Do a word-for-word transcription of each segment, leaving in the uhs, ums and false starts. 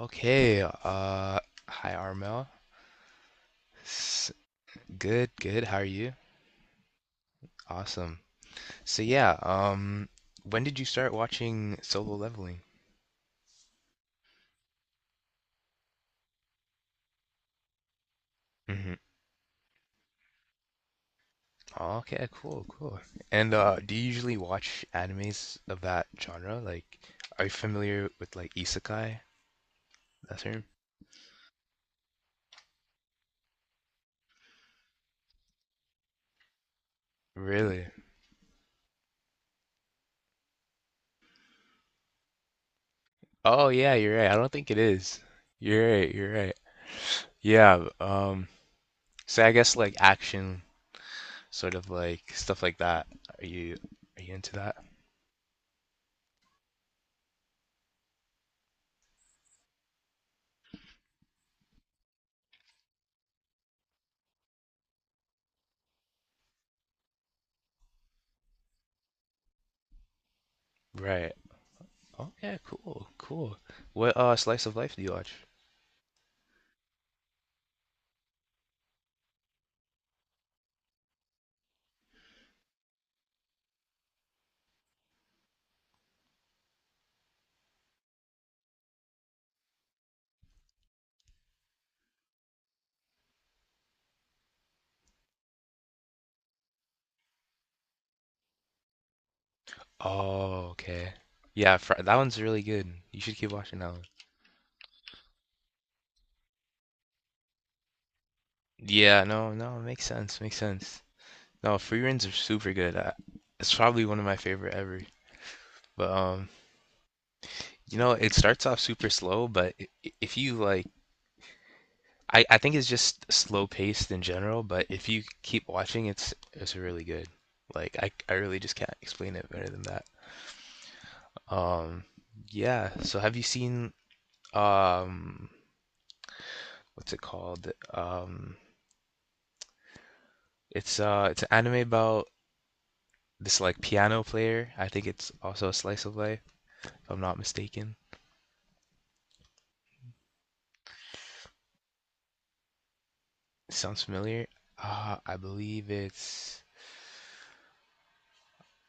Okay, uh, hi Armel. S Good, good. How are you? Awesome. So yeah, um, when did you start watching Solo Leveling? Hmm. Okay, cool, cool. And uh, do you usually watch animes of that genre? Like, are you familiar with like isekai? That term? Really? Oh yeah, you're right. I don't think it is. You're right, you're right. Yeah, um, so I guess like action, sort of like stuff like that. Are you are you into that? Right. Oh yeah, cool, cool. What uh slice of life do you watch? Oh, okay. Yeah, Fr that one's really good. You should keep watching that one. Yeah, no, no, it makes sense, makes sense. No, free runs are super good. I, it's probably one of my favorite ever. But um, you know, it starts off super slow, but i- i- if you like, I I think it's just slow paced in general. But if you keep watching, it's it's really good. Like I I really just can't explain it better than that. Um, yeah. So have you seen um? what's it called? Um, it's uh, it's an anime about this like piano player. I think it's also a slice of life, if I'm not mistaken. Sounds familiar. Uh, I believe it's.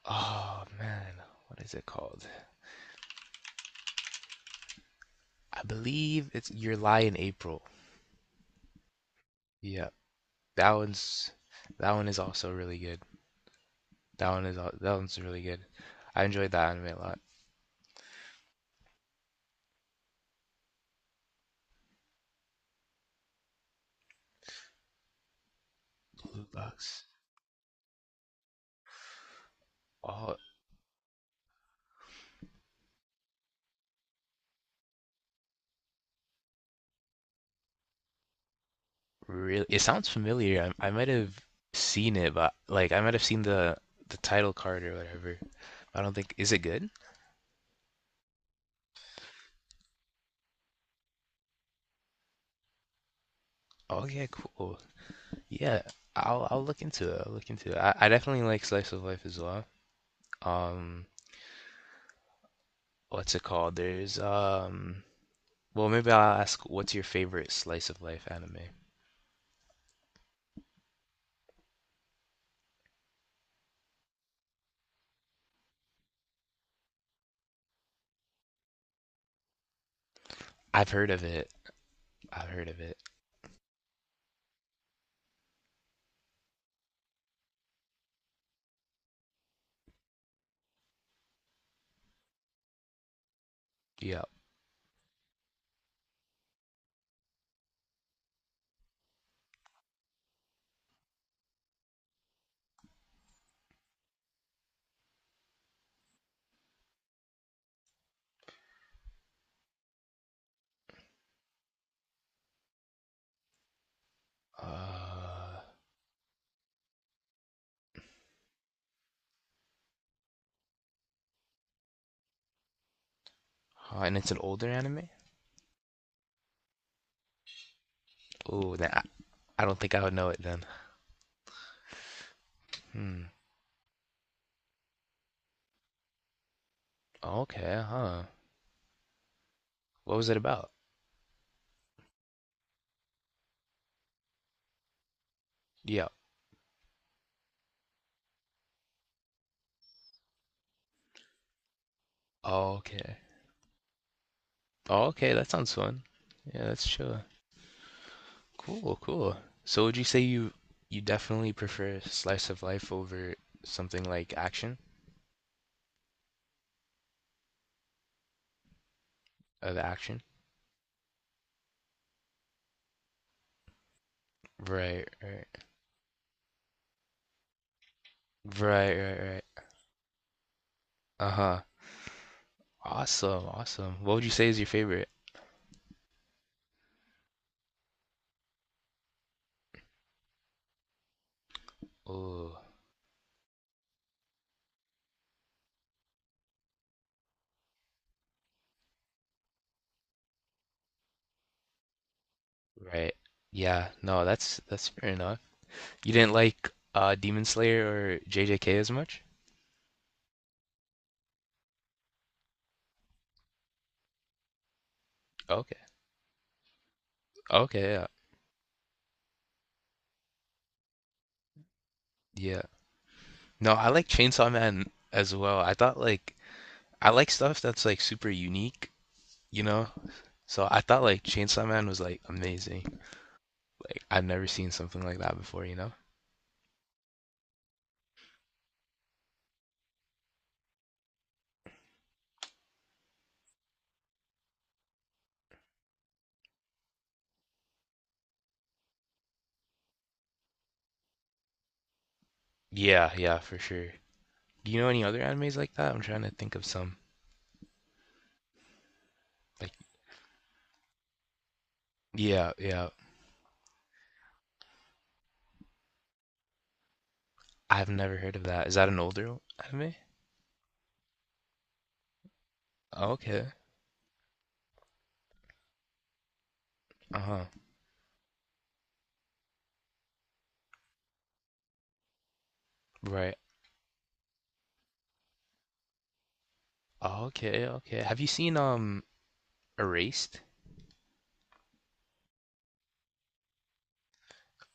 Oh man, what is it called? I believe it's Your Lie in April. Yeah, that one's that one is also really good. That one is al- that one's really good. I enjoyed that anime a lot. Blue box. Oh, really, it sounds familiar. I, I might have seen it, but like I might have seen the the title card or whatever. I don't think is it good? Oh yeah, cool. Yeah, I'll I'll look into it. I'll look into it. I, I definitely like slice of life as well. Um, what's it called? There's um, well maybe I'll ask what's your favorite slice of life anime? I've heard of it. I've heard of it. Yeah. Uh, huh, and it's an older anime? Oh, then I, I don't think I would know it then. Hmm. Okay, huh. What was it about? Yeah. Oh, okay. Oh, okay. That sounds fun. Yeah, that's chill. Cool, cool. So would you say you you definitely prefer slice of life over something like action? Of action? Right, right. Right, right, right. Uh-huh. Awesome, awesome. What would you say is your favorite? Oh, right. Yeah, no, that's that's fair enough. You didn't like uh Demon Slayer or J J K as much? Okay. Okay, yeah. Yeah. No, I like Chainsaw Man as well. I thought like I like stuff that's like super unique, you know? So I thought like Chainsaw Man was like amazing. Like I've never seen something like that before, you know? Yeah, yeah, for sure. Do you know any other animes like that? I'm trying to think of some. Like yeah, yeah. I've never heard of that. Is that an older anime? Okay. Uh-huh. Right. Okay, okay. Have you seen um Erased?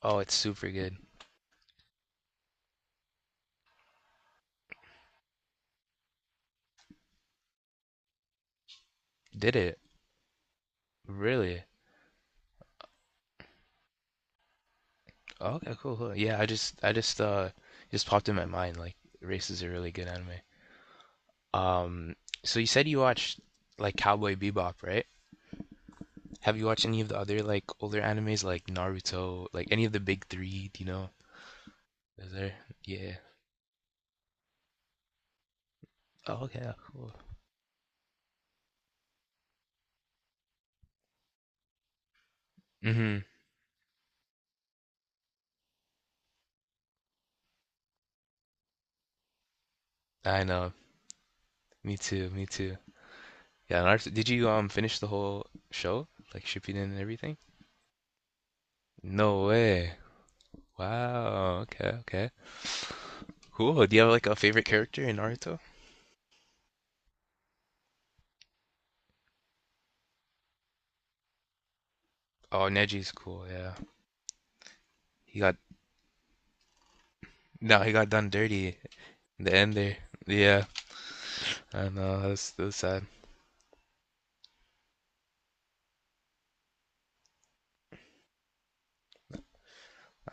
Oh, it's super good. Did it? Really? Oh, okay, cool, cool. Yeah, I just I just uh just popped in my mind like Race is a really good anime. Um, so you said you watched like Cowboy Bebop, right? Have you watched any of the other like older animes like Naruto, like any of the big three, do you know? Is there? Yeah. Oh, okay, cool. Mm-hmm. I know. Me too, me too. Yeah, Naruto, did you um finish the whole show? Like Shippuden and everything? No way. Wow. Okay, okay. Cool. Do you have like a favorite character in Naruto? Oh, Neji's cool. Yeah, he got no, he got done dirty in the end there. Yeah, I know. That's that's sad.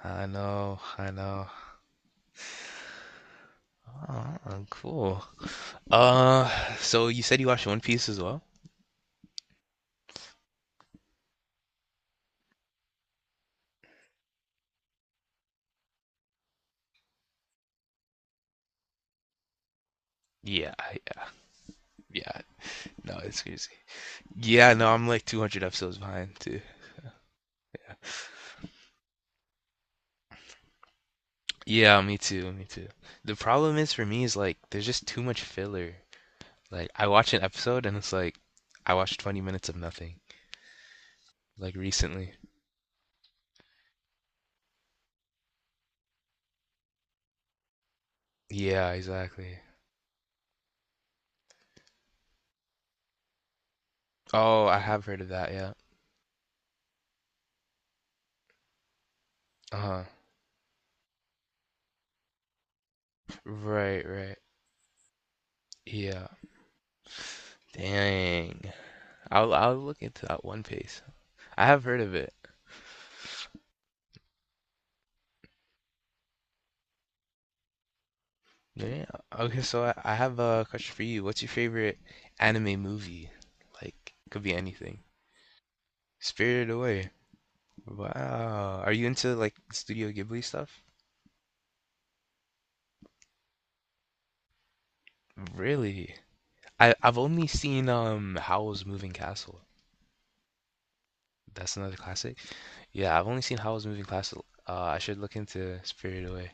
I know. I know. Oh, cool. Uh, so you said you watched One Piece as well? Yeah. I, yeah. No, it's crazy. Yeah. No, I'm like two hundred episodes behind too. Yeah, me too. Me too. The problem is for me is like there's just too much filler. Like I watch an episode and it's like I watched twenty minutes of nothing. Like recently. Yeah, exactly. Oh, I have heard of that, yeah. Uh-huh. Right, right. Yeah. Dang. I'll I'll look into that One Piece. I have heard of it. Yeah. Okay, so I, I have a question for you. What's your favorite anime movie? Like, could be anything. Spirited Away. Wow. Are you into like Studio Ghibli stuff? Really? I I've only seen um Howl's Moving Castle. That's another classic. Yeah, I've only seen Howl's Moving Castle. Uh, I should look into Spirited Away.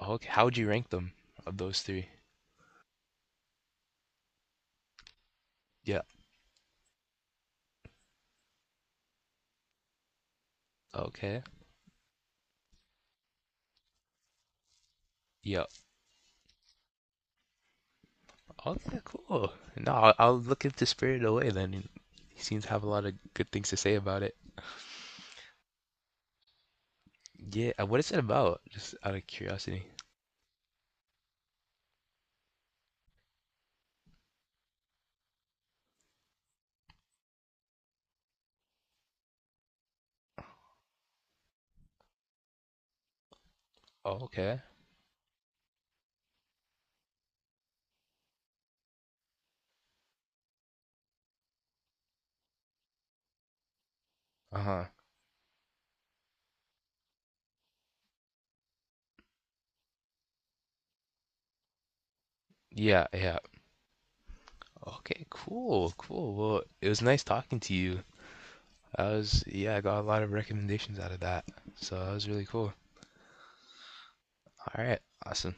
Okay, how would you rank them of those three? Yeah. Okay. Yeah. Okay. Cool. No, I'll, I'll look into Spirited Away then. And he seems to have a lot of good things to say about it. Yeah. uh, What is it about? Just out of curiosity. Oh, okay. Uh-huh. Yeah. Yeah. Okay. Cool. Cool. Well, it was nice talking to you. I was, yeah, I got a lot of recommendations out of that. So that was really cool. All right. Awesome.